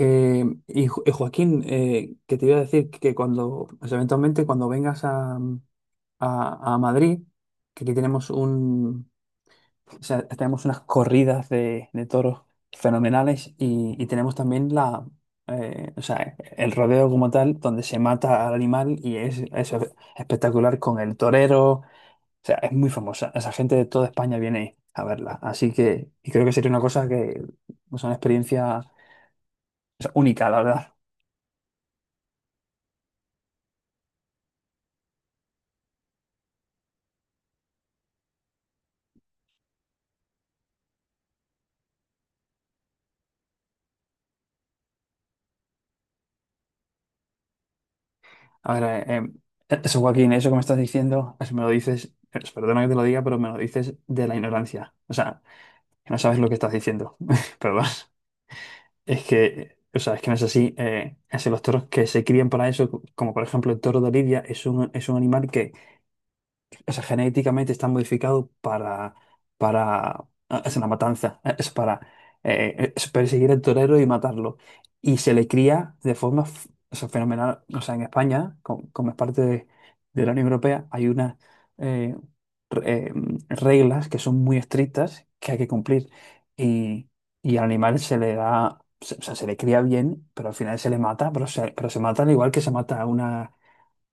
Y Joaquín, que te iba a decir que cuando, pues, eventualmente cuando vengas a, a Madrid, que aquí tenemos un, o sea, tenemos unas corridas de toros fenomenales y tenemos también la, o sea, el rodeo como tal, donde se mata al animal y es espectacular con el torero, o sea, es muy famosa, esa gente de toda España viene a verla, así que y creo que sería una cosa que, es una experiencia, o sea, única, la verdad. A ver, eso, Joaquín, eso que me estás diciendo, eso me lo dices, perdona que te lo diga, pero me lo dices de la ignorancia. O sea, que no sabes lo que estás diciendo. Perdón. Es que, o sea, es que no es así. Es que los toros que se crían para eso, como por ejemplo el toro de Lidia, es un animal que o sea, genéticamente está modificado no, es una matanza, es para es perseguir al torero y matarlo. Y se le cría de forma o sea, fenomenal. O sea, en España, como, es parte de la Unión Europea, hay unas eh, re- eh, reglas que son muy estrictas que hay que cumplir. Y, y al animal se le da, o sea, se le cría bien, pero al final se le mata, pero se mata al igual que se mata a una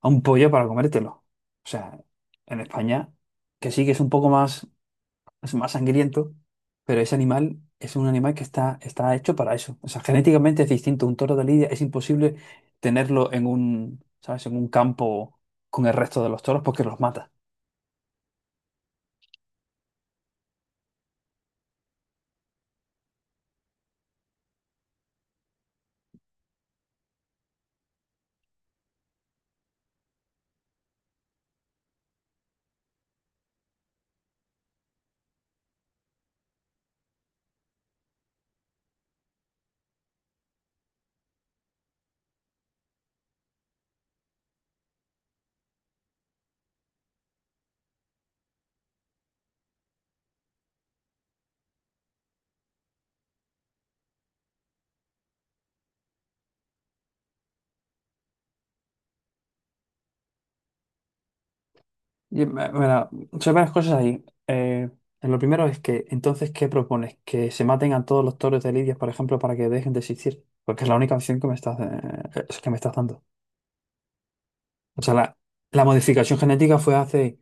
a un pollo para comértelo. O sea, en España, que sí que es un poco más, es más sangriento, pero ese animal es un animal que está hecho para eso. O sea, genéticamente es distinto. Un toro de lidia es imposible tenerlo en un, ¿sabes? En un campo con el resto de los toros porque los mata. Y, me- me da- Son varias cosas ahí. Lo primero es que, entonces, ¿qué propones? ¿Que se maten a todos los toros de lidia, por ejemplo, para que dejen de existir? Porque es la única opción que me estás dando. O sea, la modificación genética fue hace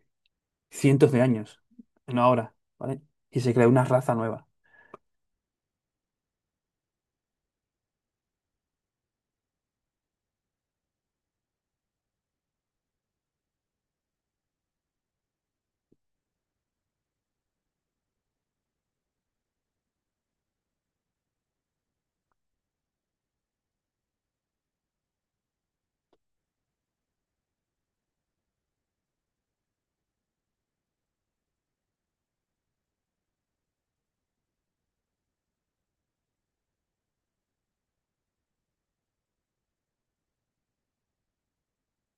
cientos de años, no ahora, ¿vale? Y se creó una raza nueva.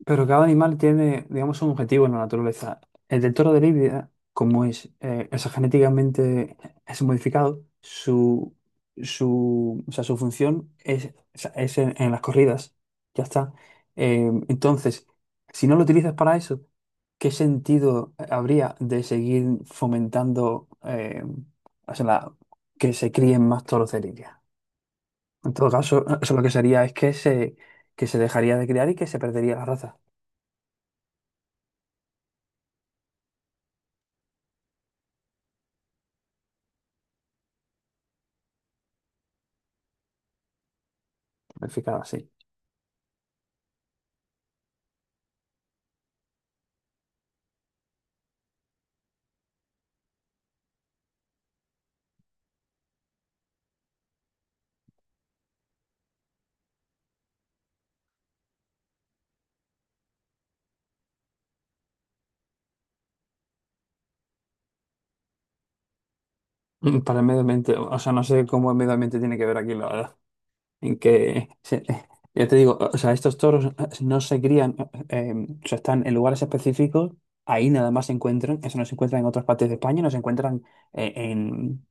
Pero cada animal tiene, digamos, un objetivo en la naturaleza. El del toro de Lidia, como es, o sea, genéticamente es modificado, o sea, su función es, o sea, es en las corridas. Ya está. Entonces, si no lo utilizas para eso, ¿qué sentido habría de seguir fomentando o sea, que se críen más toros de Lidia? En todo caso, eso lo que sería es que que se dejaría de criar y que se perdería la raza. Planificado, sí. Para el medio ambiente, o sea, no sé cómo el medio ambiente tiene que ver aquí, la verdad. En que, ya te digo, o sea, estos toros no se crían, o sea, están en lugares específicos, ahí nada más se encuentran, eso no se encuentra en otras partes de España, no se encuentran eh, en,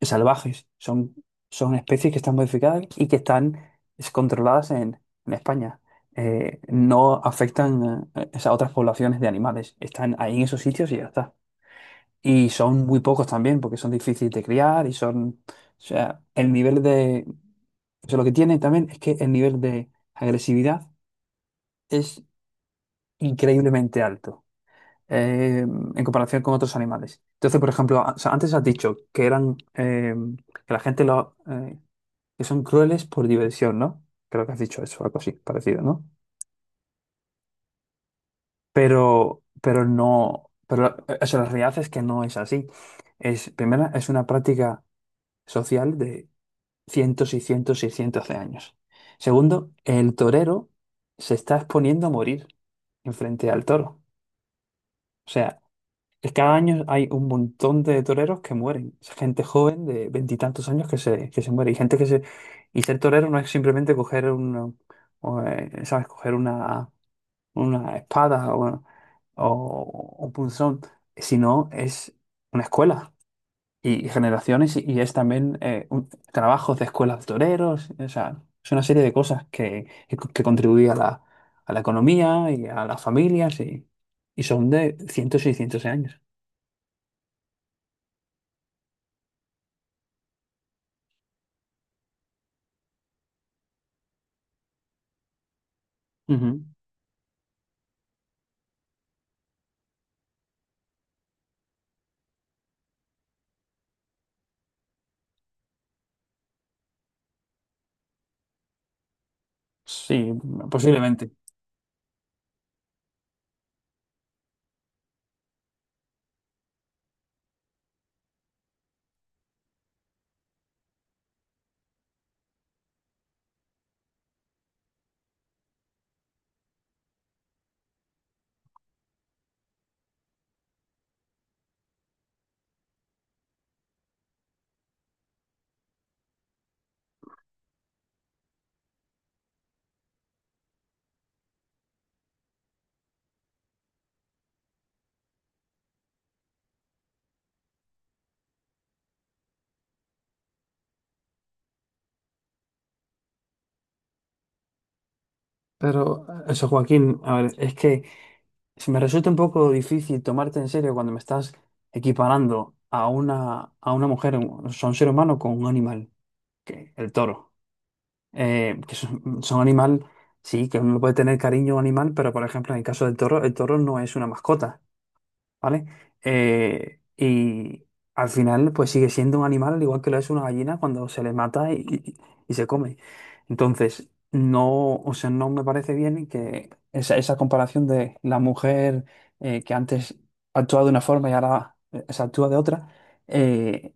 salvajes, son, son especies que están modificadas y que están es, controladas en España. No afectan o sea, a otras poblaciones de animales, están ahí en esos sitios y ya está. Y son muy pocos también, porque son difíciles de criar y son, o sea, el nivel de, o sea, lo que tienen también es que el nivel de agresividad es increíblemente alto en comparación con otros animales. Entonces, por ejemplo, o sea, antes has dicho que eran, que la gente lo, que son crueles por diversión, ¿no? Creo que has dicho eso, algo así, parecido, ¿no? Pero o sea, la realidad es que no es así. Es, primero, es una práctica social cientos y cientos y cientos de años. Segundo, el torero se está exponiendo a morir enfrente al toro. O sea, es cada año hay un montón de toreros que mueren. Es gente joven de veintitantos años que se muere. Y gente que se. Y ser torero no es simplemente coger un, ¿sabes? Coger una espada o un punzón, sino es una escuela y generaciones y es también trabajos de escuelas de toreros, o sea, es una serie de cosas que contribuye a la economía y a las familias y son de cientos y cientos de años. Ujú. Sí, posiblemente. Pero eso, Joaquín, a ver, es que se me resulta un poco difícil tomarte en serio cuando me estás equiparando a una mujer, o sea, un ser humano con un animal, que el toro. Son animal, sí, que uno puede tener cariño a un animal, pero por ejemplo, en el caso del toro, el toro no es una mascota, ¿vale? Y al final, pues sigue siendo un animal, al igual que lo es una gallina cuando se le mata y y se come. Entonces, no, o sea, no me parece bien que esa comparación de la mujer que antes actuaba de una forma y ahora se actúa de otra, eh,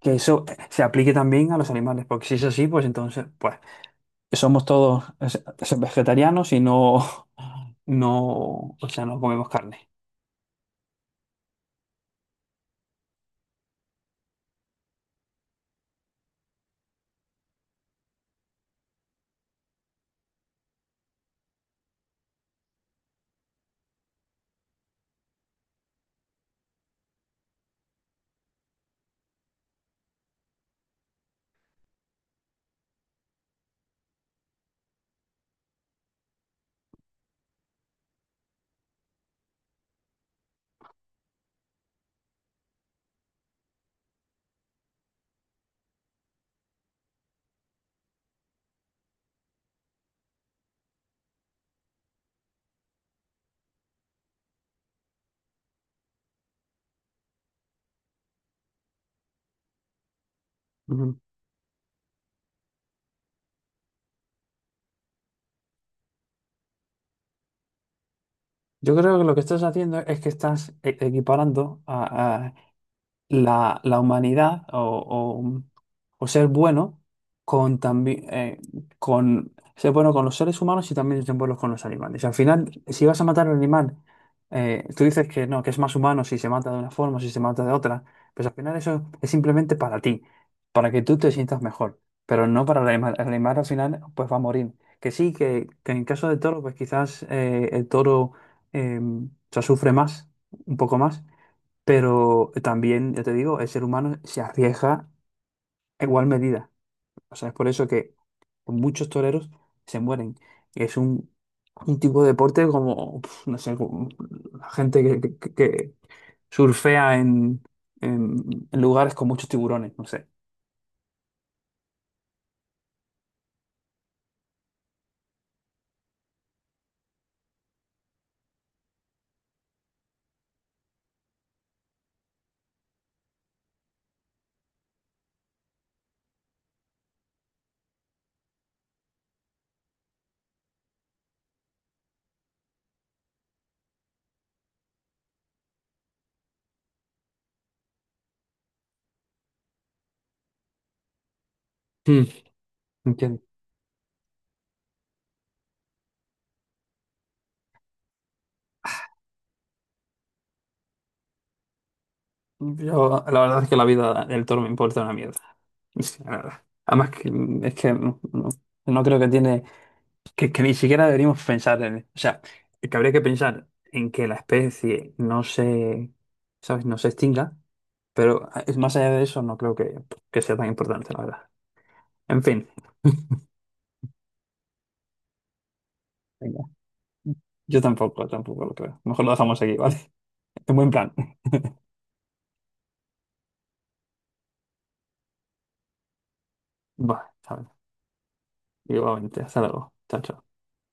que eso se aplique también a los animales, porque si es así, pues entonces, pues somos todos vegetarianos no, o sea, no comemos carne. Ujú. Yo creo que lo que estás haciendo es que estás equiparando la, la humanidad o- o ser bueno con también con ser bueno con los seres humanos y también ser bueno con los animales. Al final, si vas a matar al animal, tú dices que no, que es más humano si se mata de una forma, si se mata de otra, pues al final eso es simplemente para ti, para que tú te sientas mejor, pero no para el animal. El animal al final pues va a morir. Que sí, que en caso del toro, pues quizás el toro eh, se sufre más, un poco más, pero también, yo te digo, el ser humano se arriesga a igual medida. O sea, es por eso que muchos toreros se mueren. Es un tipo de deporte como, pf, no sé, como la gente que surfea en, en lugares con muchos tiburones, no sé. Hmm. ¿Entiendes? Yo, la verdad es que la vida del toro me importa una mierda. Sí, la verdad. Además, que, es que no creo que tiene. Que ni siquiera deberíamos pensar en... O sea, que habría que pensar en que la especie no se, ¿sabes? No se extinga, pero ah, es más allá de eso no creo que sea tan importante, la verdad. En fin, venga, yo tampoco, tampoco lo creo. Mejor lo dejamos aquí, ¿vale? En buen plan. Va, ¿sabes? Igualmente, hasta luego. Chao, chao.